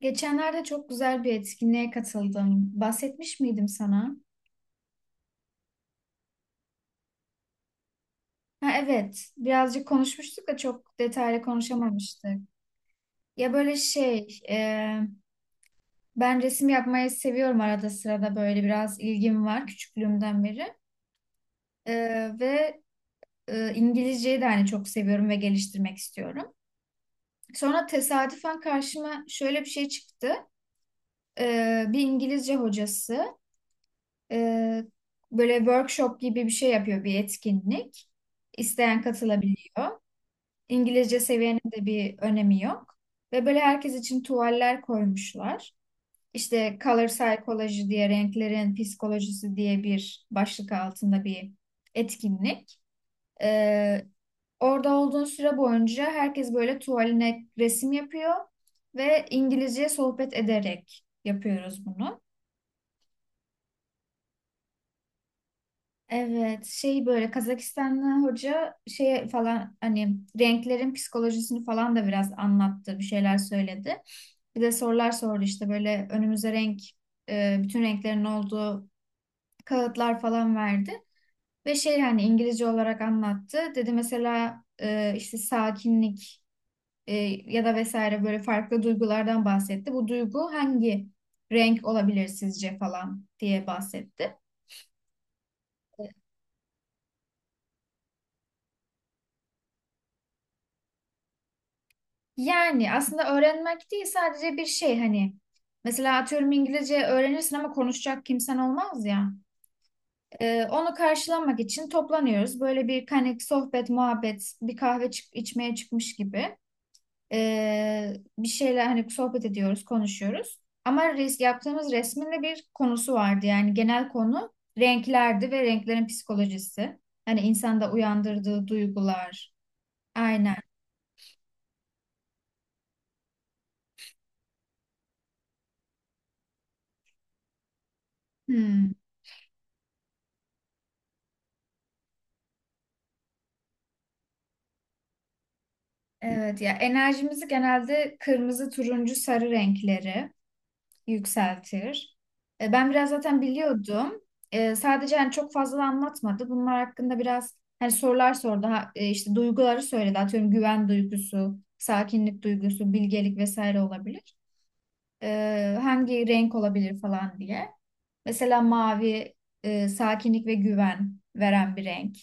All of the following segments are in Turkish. Geçenlerde çok güzel bir etkinliğe katıldım. Bahsetmiş miydim sana? Ha, evet, birazcık konuşmuştuk da çok detaylı konuşamamıştık. Ya böyle şey, ben resim yapmayı seviyorum arada sırada böyle biraz ilgim var küçüklüğümden beri. E, ve İngilizceyi de hani çok seviyorum ve geliştirmek istiyorum. Sonra tesadüfen karşıma şöyle bir şey çıktı. Bir İngilizce hocası. Ee, Böyle workshop gibi bir şey yapıyor, bir etkinlik. İsteyen katılabiliyor. İngilizce seviyenin de bir önemi yok. Ve böyle herkes için tuvaller koymuşlar. İşte color psychology diye, renklerin psikolojisi diye bir başlık altında bir etkinlik. Ee, Orada olduğun süre boyunca herkes böyle tuvaline resim yapıyor ve İngilizce sohbet ederek yapıyoruz bunu. Evet, şey böyle Kazakistanlı hoca şey falan hani renklerin psikolojisini falan da biraz anlattı, bir şeyler söyledi. Bir de sorular sordu, işte böyle önümüze renk, bütün renklerin olduğu kağıtlar falan verdi. Ve şey hani İngilizce olarak anlattı. Dedi mesela işte sakinlik e, ya da vesaire böyle farklı duygulardan bahsetti. Bu duygu hangi renk olabilir sizce falan diye bahsetti. Yani aslında öğrenmek değil sadece bir şey hani mesela atıyorum İngilizce öğrenirsin ama konuşacak kimsen olmaz ya. Onu karşılamak için toplanıyoruz. Böyle bir hani sohbet, muhabbet, bir kahve içmeye çıkmış gibi. Bir şeyler hani sohbet ediyoruz, konuşuyoruz. Ama yaptığımız resmin de bir konusu vardı. Yani genel konu renklerdi ve renklerin psikolojisi. Hani insanda uyandırdığı duygular. Aynen. Hmm. Evet ya, enerjimizi genelde kırmızı, turuncu, sarı renkleri yükseltir. Ben biraz zaten biliyordum. Sadece hani çok fazla da anlatmadı. Bunlar hakkında biraz hani sorular sordu. Ha, işte duyguları söyledi. Atıyorum güven duygusu, sakinlik duygusu, bilgelik vesaire olabilir. Hangi renk olabilir falan diye. Mesela mavi sakinlik ve güven veren bir renk.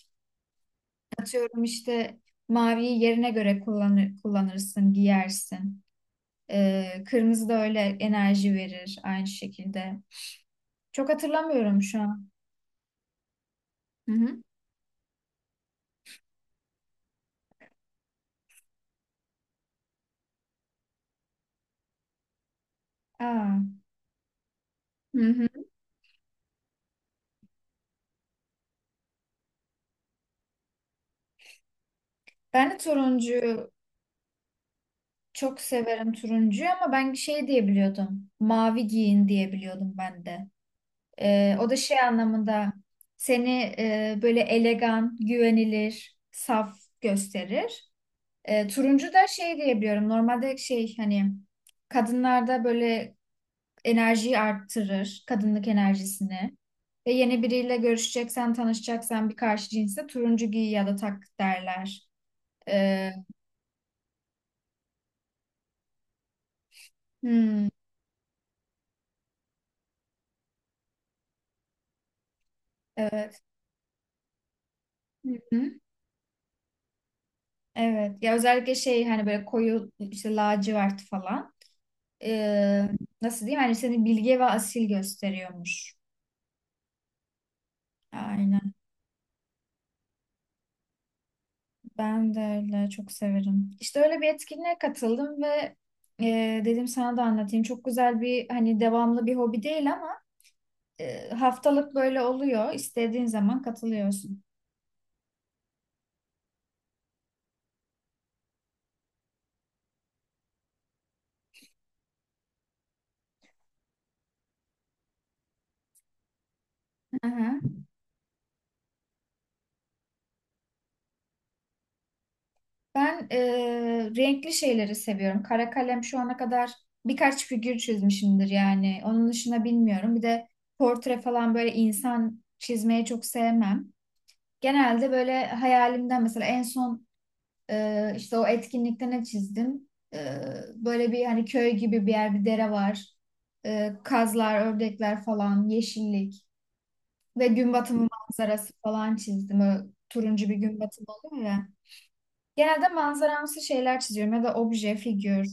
Atıyorum işte maviyi yerine göre kullanır, kullanırsın, giyersin. Kırmızı da öyle enerji verir aynı şekilde. Çok hatırlamıyorum şu an. Hı hı. Aa. Hı hı. Ben de turuncuyu çok severim turuncuyu, ama ben şey diyebiliyordum. Mavi giyin diyebiliyordum ben de. O da şey anlamında seni böyle elegan, güvenilir, saf gösterir. Turuncu da şey diyebiliyorum. Normalde şey hani kadınlarda böyle enerjiyi arttırır, kadınlık enerjisini. Ve yeni biriyle görüşeceksen, tanışacaksan bir karşı cinse turuncu giy ya da tak derler. Ee, hmm, evet. Hı hı, evet. Ya özellikle şey hani böyle koyu işte lacivert falan. Ee, Nasıl diyeyim? Hani seni bilge ve asil gösteriyormuş. Aynen. Ben de öyle çok severim. İşte öyle bir etkinliğe katıldım ve dedim sana da anlatayım. Çok güzel bir hani devamlı bir hobi değil ama haftalık böyle oluyor. İstediğin zaman katılıyorsun. Hı hı. Ben renkli şeyleri seviyorum. Kara kalem şu ana kadar birkaç figür çizmişimdir yani. Onun dışında bilmiyorum. Bir de portre falan böyle insan çizmeyi çok sevmem. Genelde böyle hayalimden mesela en son işte o etkinlikte ne çizdim? E, Böyle bir hani köy gibi bir yer, bir dere var. Kazlar, ördekler falan, yeşillik. Ve gün batımı manzarası falan çizdim. Öyle turuncu bir gün batımı oluyor ya. Genelde manzaramsı şeyler çiziyorum ya da obje, figür.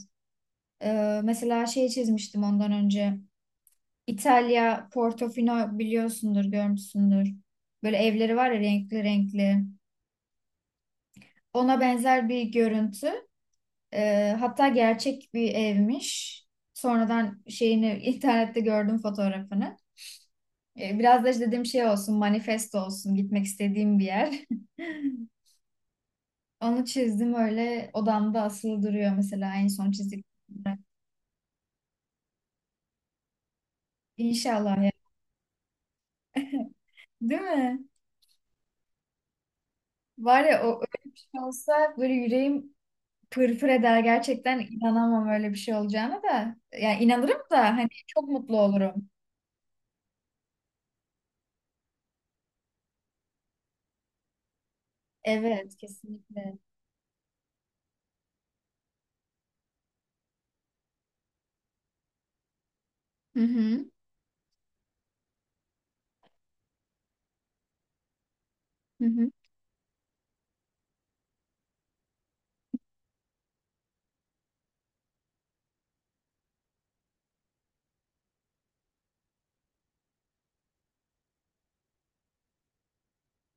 Mesela şey çizmiştim ondan önce. İtalya, Portofino biliyorsundur, görmüşsündür. Böyle evleri var ya renkli renkli. Ona benzer bir görüntü. Hatta gerçek bir evmiş. Sonradan şeyini internette gördüm fotoğrafını. Biraz da işte dediğim şey olsun, manifesto olsun, gitmek istediğim bir yer. Onu çizdim, öyle odamda asılı duruyor mesela en son çizik. İnşallah ya. Değil mi? Var ya, o öyle bir şey olsa böyle yüreğim pırpır eder gerçekten, inanamam öyle bir şey olacağına da. Yani inanırım da hani, çok mutlu olurum. Evet, kesinlikle. Hı hı. Hı hı.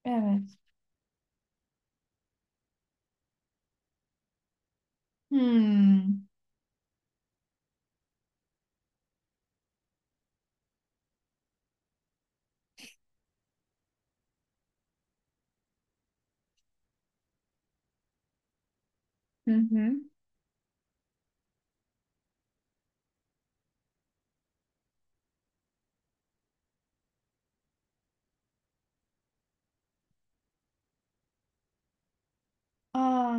Evet. Hmm. Hı hı. Aa,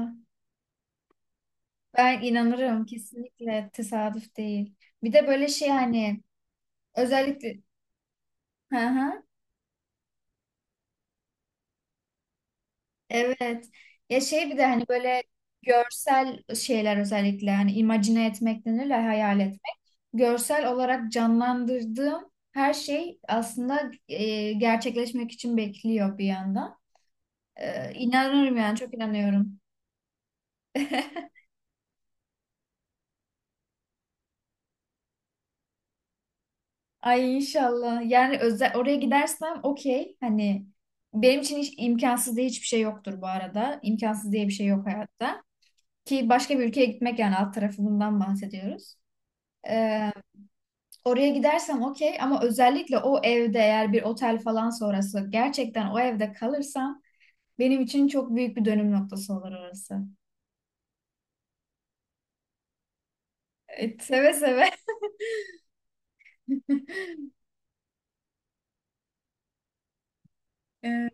ben inanırım, kesinlikle tesadüf değil. Bir de böyle şey hani özellikle. Hı hı. Evet. Ya şey bir de hani böyle görsel şeyler, özellikle hani imagine etmek denir ya, hayal etmek. Görsel olarak canlandırdığım her şey aslında gerçekleşmek için bekliyor bir yandan. İnanıyorum yani, çok inanıyorum. Ay inşallah. Yani özel oraya gidersem okey. Hani benim için hiç imkansız diye hiçbir şey yoktur bu arada. İmkansız diye bir şey yok hayatta. Ki başka bir ülkeye gitmek yani, alt tarafı bundan bahsediyoruz. Oraya gidersem okey, ama özellikle o evde, eğer bir otel falan sonrası gerçekten o evde kalırsam, benim için çok büyük bir dönüm noktası olur orası. Evet, seve seve. Ee,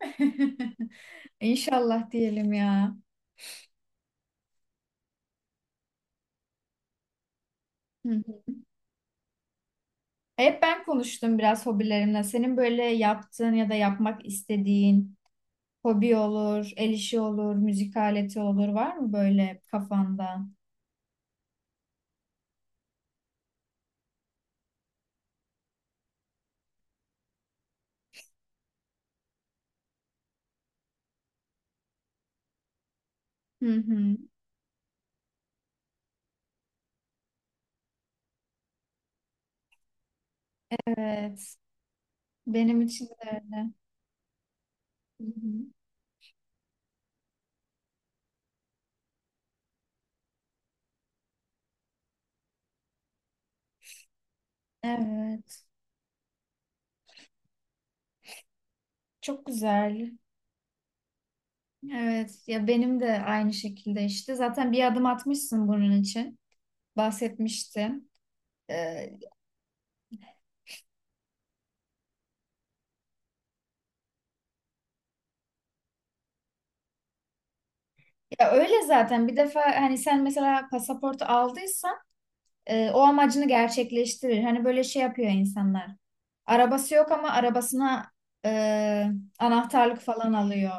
İnşallah diyelim ya. Hı hı. Hep ben konuştum biraz hobilerimle. Senin böyle yaptığın ya da yapmak istediğin hobi olur, el işi olur, müzik aleti olur, var mı böyle kafanda? Hı hı. Evet. Benim için de öyle. Hı hı. Evet. Çok güzel. Evet ya, benim de aynı şekilde, işte zaten bir adım atmışsın bunun için bahsetmiştin. Ee, Ya öyle zaten, bir defa hani sen mesela pasaportu aldıysan o amacını gerçekleştirir. Hani böyle şey yapıyor insanlar. Arabası yok ama arabasına e, anahtarlık falan alıyor.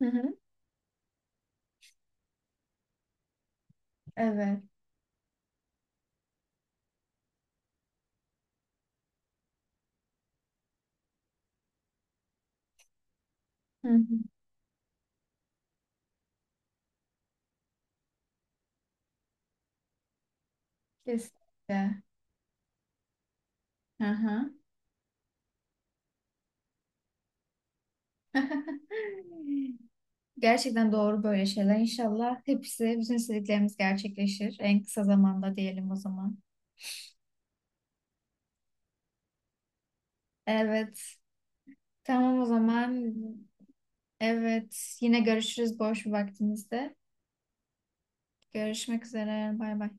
Hı hı. Evet. Hı hı. Kesinlikle. Hı hı. Gerçekten doğru böyle şeyler. İnşallah hepsi, bütün istediklerimiz gerçekleşir. En kısa zamanda diyelim o zaman. Evet. Tamam o zaman. Evet. Yine görüşürüz boş bir vaktimizde. Görüşmek üzere. Bay bay.